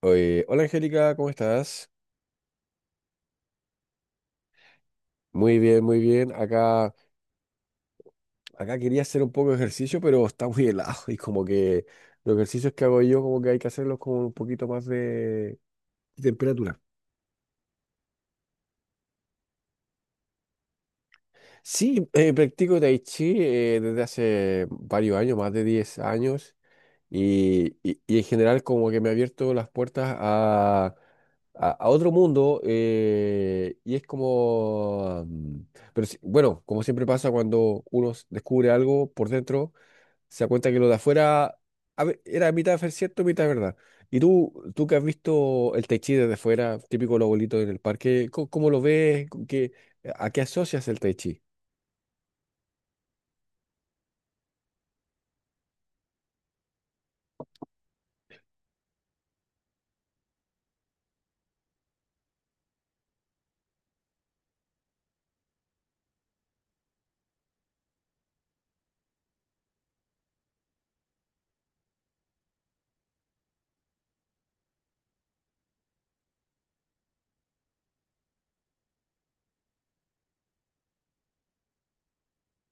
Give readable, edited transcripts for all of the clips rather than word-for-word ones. Oye, hola Angélica, ¿cómo estás? Muy bien, muy bien. Acá quería hacer un poco de ejercicio, pero está muy helado y como que los ejercicios que hago yo como que hay que hacerlos con un poquito más de temperatura. Sí, practico Tai Chi desde hace varios años, más de 10 años. Y en general como que me ha abierto las puertas a otro mundo y es como, pero bueno, como siempre pasa cuando uno descubre algo por dentro, se da cuenta que lo de afuera era mitad cierto, mitad verdad. Y tú que has visto el Tai Chi desde fuera, típico los abuelitos en el parque, ¿cómo lo ves? ¿A qué asocias el Tai Chi?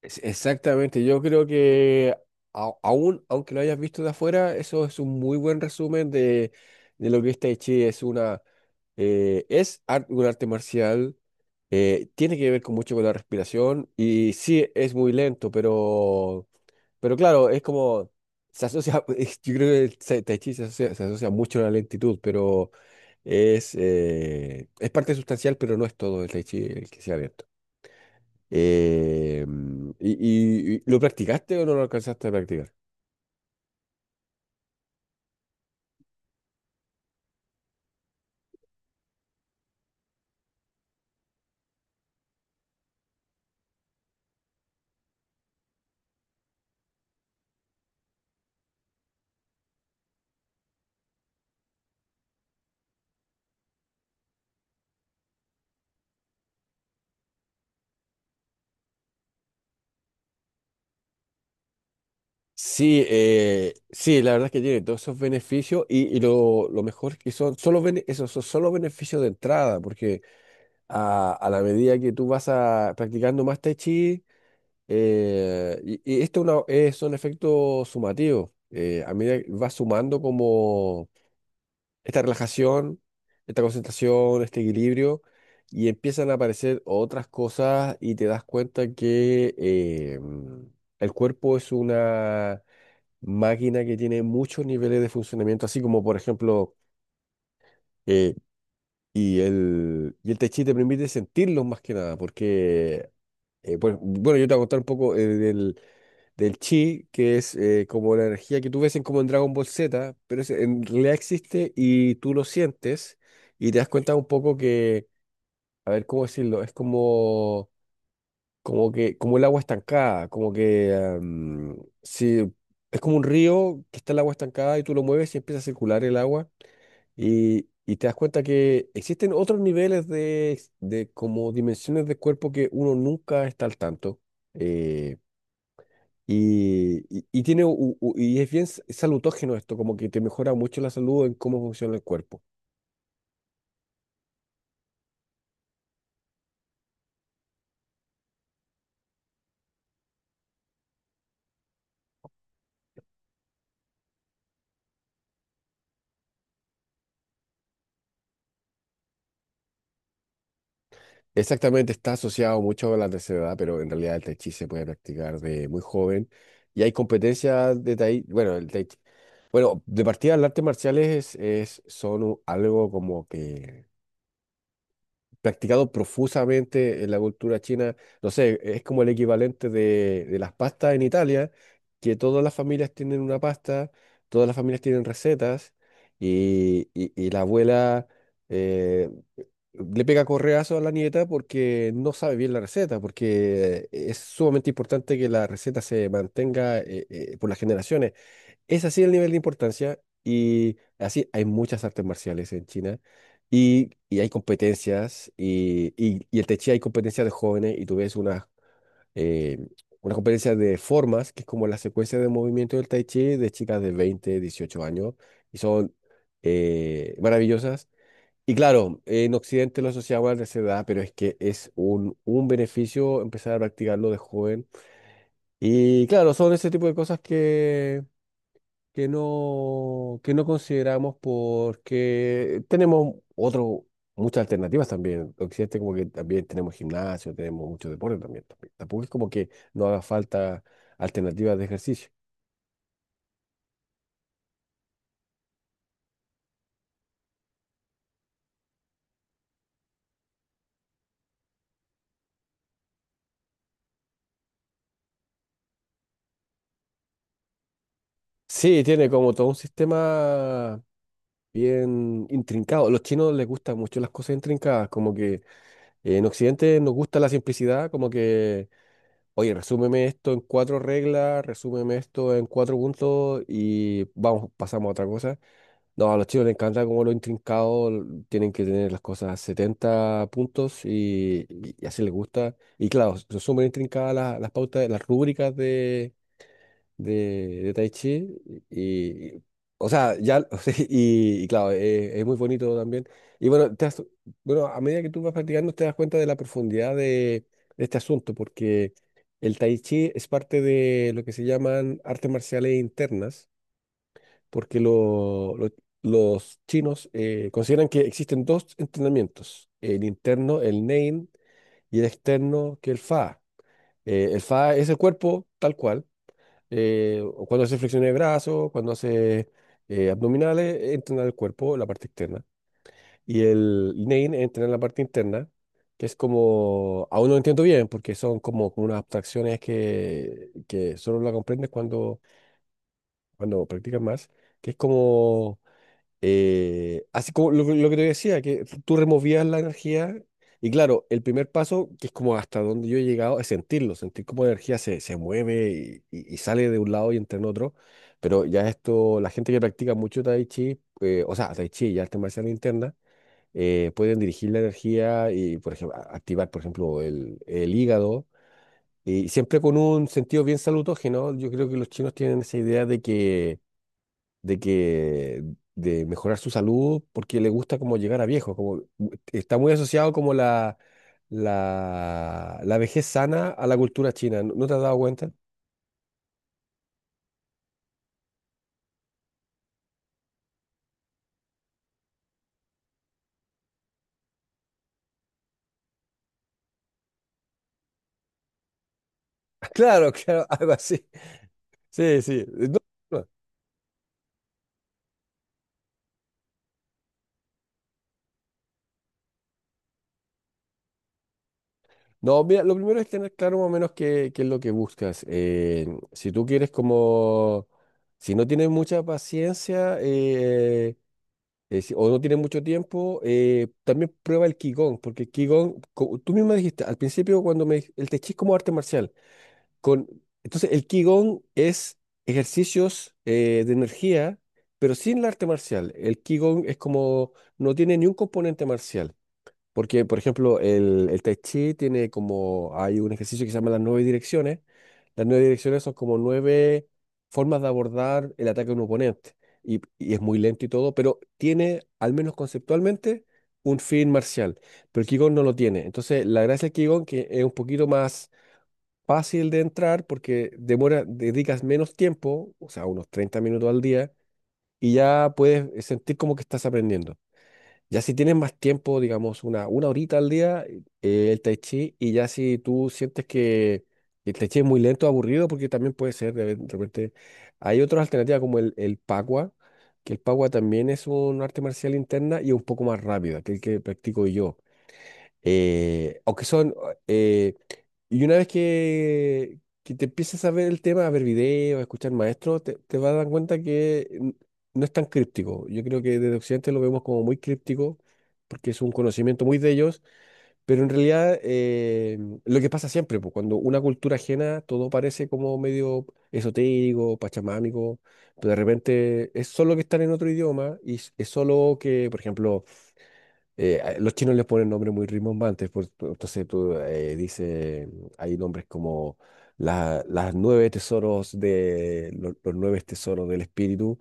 Exactamente, yo creo que aún, aunque lo hayas visto de afuera, eso es un muy buen resumen de lo que es Tai Chi. Es una, es un arte marcial, tiene que ver con mucho con la respiración y sí, es muy lento, pero, claro, es como, se asocia, yo creo que el Tai Chi se asocia mucho a la lentitud, pero es parte sustancial, pero no es todo el Tai Chi el que sea lento. Eh, y, lo practicaste o no lo alcanzaste a practicar? Sí, sí, la verdad es que tiene todos esos beneficios y, y lo mejor es que son solo esos son solo beneficios de entrada, porque a la medida que tú vas practicando más Tai Chi, esto es son efectos sumativos, a medida que vas sumando como esta relajación, esta concentración, este equilibrio, y empiezan a aparecer otras cosas y te das cuenta que el cuerpo es una máquina que tiene muchos niveles de funcionamiento, así como por ejemplo, eh, y el Tai Chi te permite sentirlos más que nada, porque, pues, bueno, yo te voy a contar un poco del, del chi, que es como la energía que tú ves en, como en Dragon Ball Z, pero en realidad existe y tú lo sientes y te das cuenta un poco que, a ver, ¿cómo decirlo? Es como, como que, como el agua estancada, como que, si, es como un río que está el agua estancada y tú lo mueves y empieza a circular el agua Y te das cuenta que existen otros niveles de como dimensiones de cuerpo que uno nunca está al tanto. eh, y es bien salutógeno esto, como que te mejora mucho la salud en cómo funciona el cuerpo. Exactamente, está asociado mucho a la tercera edad, pero en realidad el Tai Chi se puede practicar de muy joven. Y hay competencias de Tai, bueno, el Bueno, de partida las artes marciales es, son algo como que practicado profusamente en la cultura china. No sé, es como el equivalente de las pastas en Italia, que todas las familias tienen una pasta, todas las familias tienen recetas y la abuela eh, le pega correazo a la nieta porque no sabe bien la receta, porque es sumamente importante que la receta se mantenga por las generaciones. Es así el nivel de importancia y así hay muchas artes marciales en China y hay competencias y en Tai Chi hay competencias de jóvenes y tú ves eh, una competencia de formas que es como la secuencia de movimiento del Tai Chi de chicas de 20, 18 años y son maravillosas. Y claro, en Occidente lo asociamos a la tercera edad, pero es que es un beneficio empezar a practicarlo de joven. Y claro, son ese tipo de cosas que no consideramos porque tenemos otro, muchas alternativas también. Occidente como que también tenemos gimnasio, tenemos mucho deporte también, también. Tampoco es como que no haga falta alternativas de ejercicio. Sí, tiene como todo un sistema bien intrincado. A los chinos les gustan mucho las cosas intrincadas, como que en Occidente nos gusta la simplicidad, como que oye, resúmeme esto en cuatro reglas, resúmeme esto en cuatro puntos y vamos, pasamos a otra cosa. No, a los chicos les encanta como lo intrincado, tienen que tener las cosas 70 puntos y así les gusta. Y claro, son súper intrincadas las pautas, las rúbricas de Tai Chi y, y- o sea, ya, y claro, es muy bonito también. Y bueno, bueno, a medida que tú vas practicando te das cuenta de la profundidad de este asunto, porque el Tai Chi es parte de lo que se llaman artes marciales internas, porque los chinos consideran que existen dos entrenamientos, el interno, el Nein, y el externo, que el Fa. El Fa es el cuerpo tal cual o cuando hace flexiones de brazos, cuando hace abdominales, es entrenar el cuerpo, la parte externa. Y el Name es entrenar la parte interna, que es como, aún no lo entiendo bien, porque son como, como unas abstracciones que solo la comprendes cuando practicas más, que es como así como lo que te decía, que tú removías la energía y claro, el primer paso, que es como hasta donde yo he llegado, es sentirlo, sentir cómo la energía se mueve y sale de un lado y entra en otro. Pero ya esto, la gente que practica mucho Tai Chi, o sea, Tai Chi y arte marcial interna, pueden dirigir la energía y, por ejemplo, activar, por ejemplo, el hígado. Y siempre con un sentido bien salutógeno. Yo creo que los chinos tienen esa idea de que de mejorar su salud porque le gusta como llegar a viejo, como está muy asociado como la vejez sana a la cultura china. ¿No, no te has dado cuenta? Claro, claro, algo así. Sí, sí. No, no. No, mira, lo primero es tener claro más o menos qué es lo que buscas. Si tú quieres como, si no tienes mucha paciencia, o no tienes mucho tiempo, también prueba el Qigong, porque el Qigong, tú misma dijiste al principio cuando me el Tai Chi es como arte marcial. Con, entonces, el Qigong es ejercicios de energía, pero sin el arte marcial. El Qigong es como, no tiene ni un componente marcial. Porque, por ejemplo, el Tai Chi tiene como, hay un ejercicio que se llama las nueve direcciones. Las nueve direcciones son como nueve formas de abordar el ataque a un oponente. Y es muy lento y todo, pero tiene, al menos conceptualmente, un fin marcial. Pero el Qigong no lo tiene. Entonces, la gracia del Qigong que es un poquito más fácil de entrar porque demora, dedicas menos tiempo, o sea, unos 30 minutos al día, y ya puedes sentir como que estás aprendiendo. Ya si tienes más tiempo, digamos, una horita al día, el tai chi, y ya si tú sientes que el tai chi es muy lento, aburrido, porque también puede ser, de repente, hay otras alternativas como el pagua, que el pagua también es un arte marcial interna y un poco más rápida que el que practico yo eh, o que son... eh, y una vez que te empiezas a ver el tema, a ver videos, a escuchar maestros, te vas a dar cuenta que no es tan críptico. Yo creo que desde Occidente lo vemos como muy críptico, porque es un conocimiento muy de ellos, pero en realidad lo que pasa siempre, pues, cuando una cultura ajena, todo parece como medio esotérico, pachamámico, pero de repente es solo que están en otro idioma y es solo que, por ejemplo, los chinos les ponen nombres muy rimbombantes, entonces tú dices, hay nombres como las nueve tesoros de los, nueve tesoros del espíritu,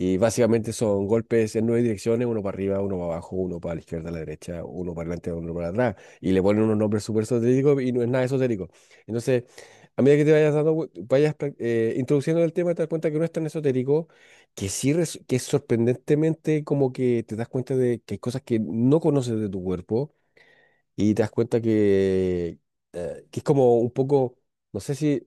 y básicamente son golpes en nueve direcciones, uno para arriba, uno para abajo, uno para la izquierda, la derecha, uno para adelante, uno para atrás, y le ponen unos nombres súper esotéricos y no es nada esotérico. Entonces, a medida que te vayas dando, vayas introduciendo el tema, te das cuenta que no es tan esotérico que sí, que es sorprendentemente como que te das cuenta de que hay cosas que no conoces de tu cuerpo y te das cuenta que es como un poco, no sé si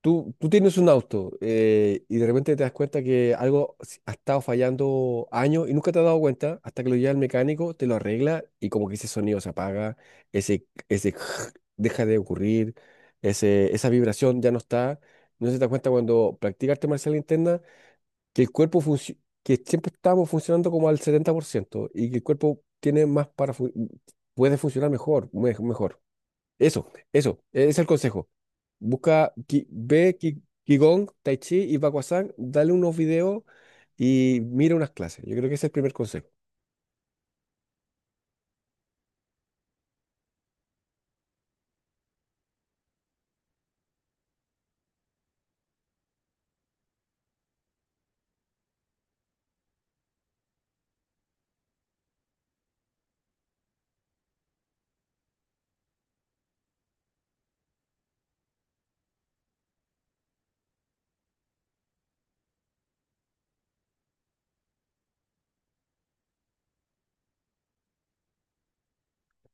tú tienes un auto y de repente te das cuenta que algo ha estado fallando años y nunca te has dado cuenta hasta que lo lleva el mecánico, te lo arregla y como que ese sonido se apaga, ese deja de ocurrir, esa vibración ya no está. No se te das cuenta cuando practicas arte marcial interna que el cuerpo que siempre estamos funcionando como al 70% y que el cuerpo tiene más para puede funcionar mejor, mejor. Eso, ese es el consejo. Busca, ve Qigong, Tai Chi y Baguazhang, dale unos videos y mira unas clases. Yo creo que ese es el primer consejo.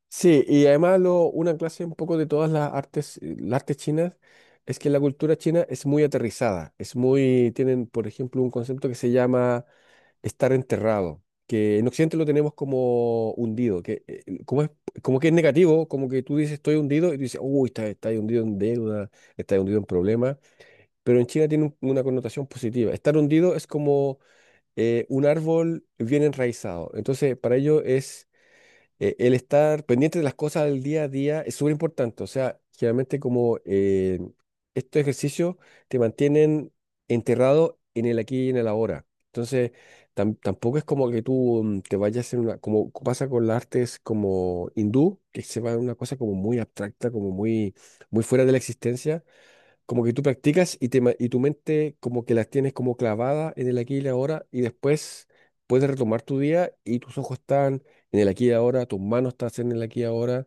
Sí, y además una clase un poco de todas las artes chinas, es que la cultura china es muy aterrizada, tienen, por ejemplo, un concepto que se llama estar enterrado, que en Occidente lo tenemos como hundido, que como como que es negativo, como que tú dices estoy hundido y tú dices, uy, está ahí hundido en deuda, estás hundido en problemas, pero en China tiene una connotación positiva. Estar hundido es como un árbol bien enraizado, entonces para ellos es el estar pendiente de las cosas del día a día es súper importante. O sea, generalmente como estos ejercicios te mantienen enterrado en el aquí y en el ahora. Entonces, tampoco es como que tú te vayas en una, como pasa con las artes como hindú, que se va en una cosa como muy abstracta, como muy, muy fuera de la existencia. Como que tú practicas y tu mente como que las tienes como clavada en el aquí y el ahora y después puedes retomar tu día y tus ojos están en el aquí y ahora, tus manos están en el aquí y ahora,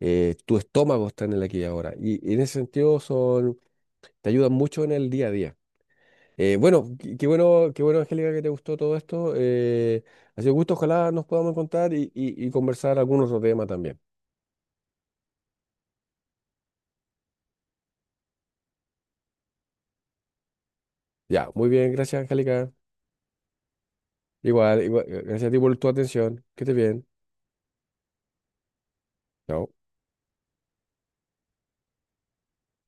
tu estómago está en el aquí y ahora. Y en ese sentido te ayudan mucho en el día a día. Bueno, qué bueno, qué bueno, Angélica, que te gustó todo esto. Ha sido un gusto, ojalá nos podamos encontrar y conversar algún otro tema también. Ya, muy bien, gracias, Angélica. Igual, igual, gracias a ti por tu atención. Que estés bien. Chao.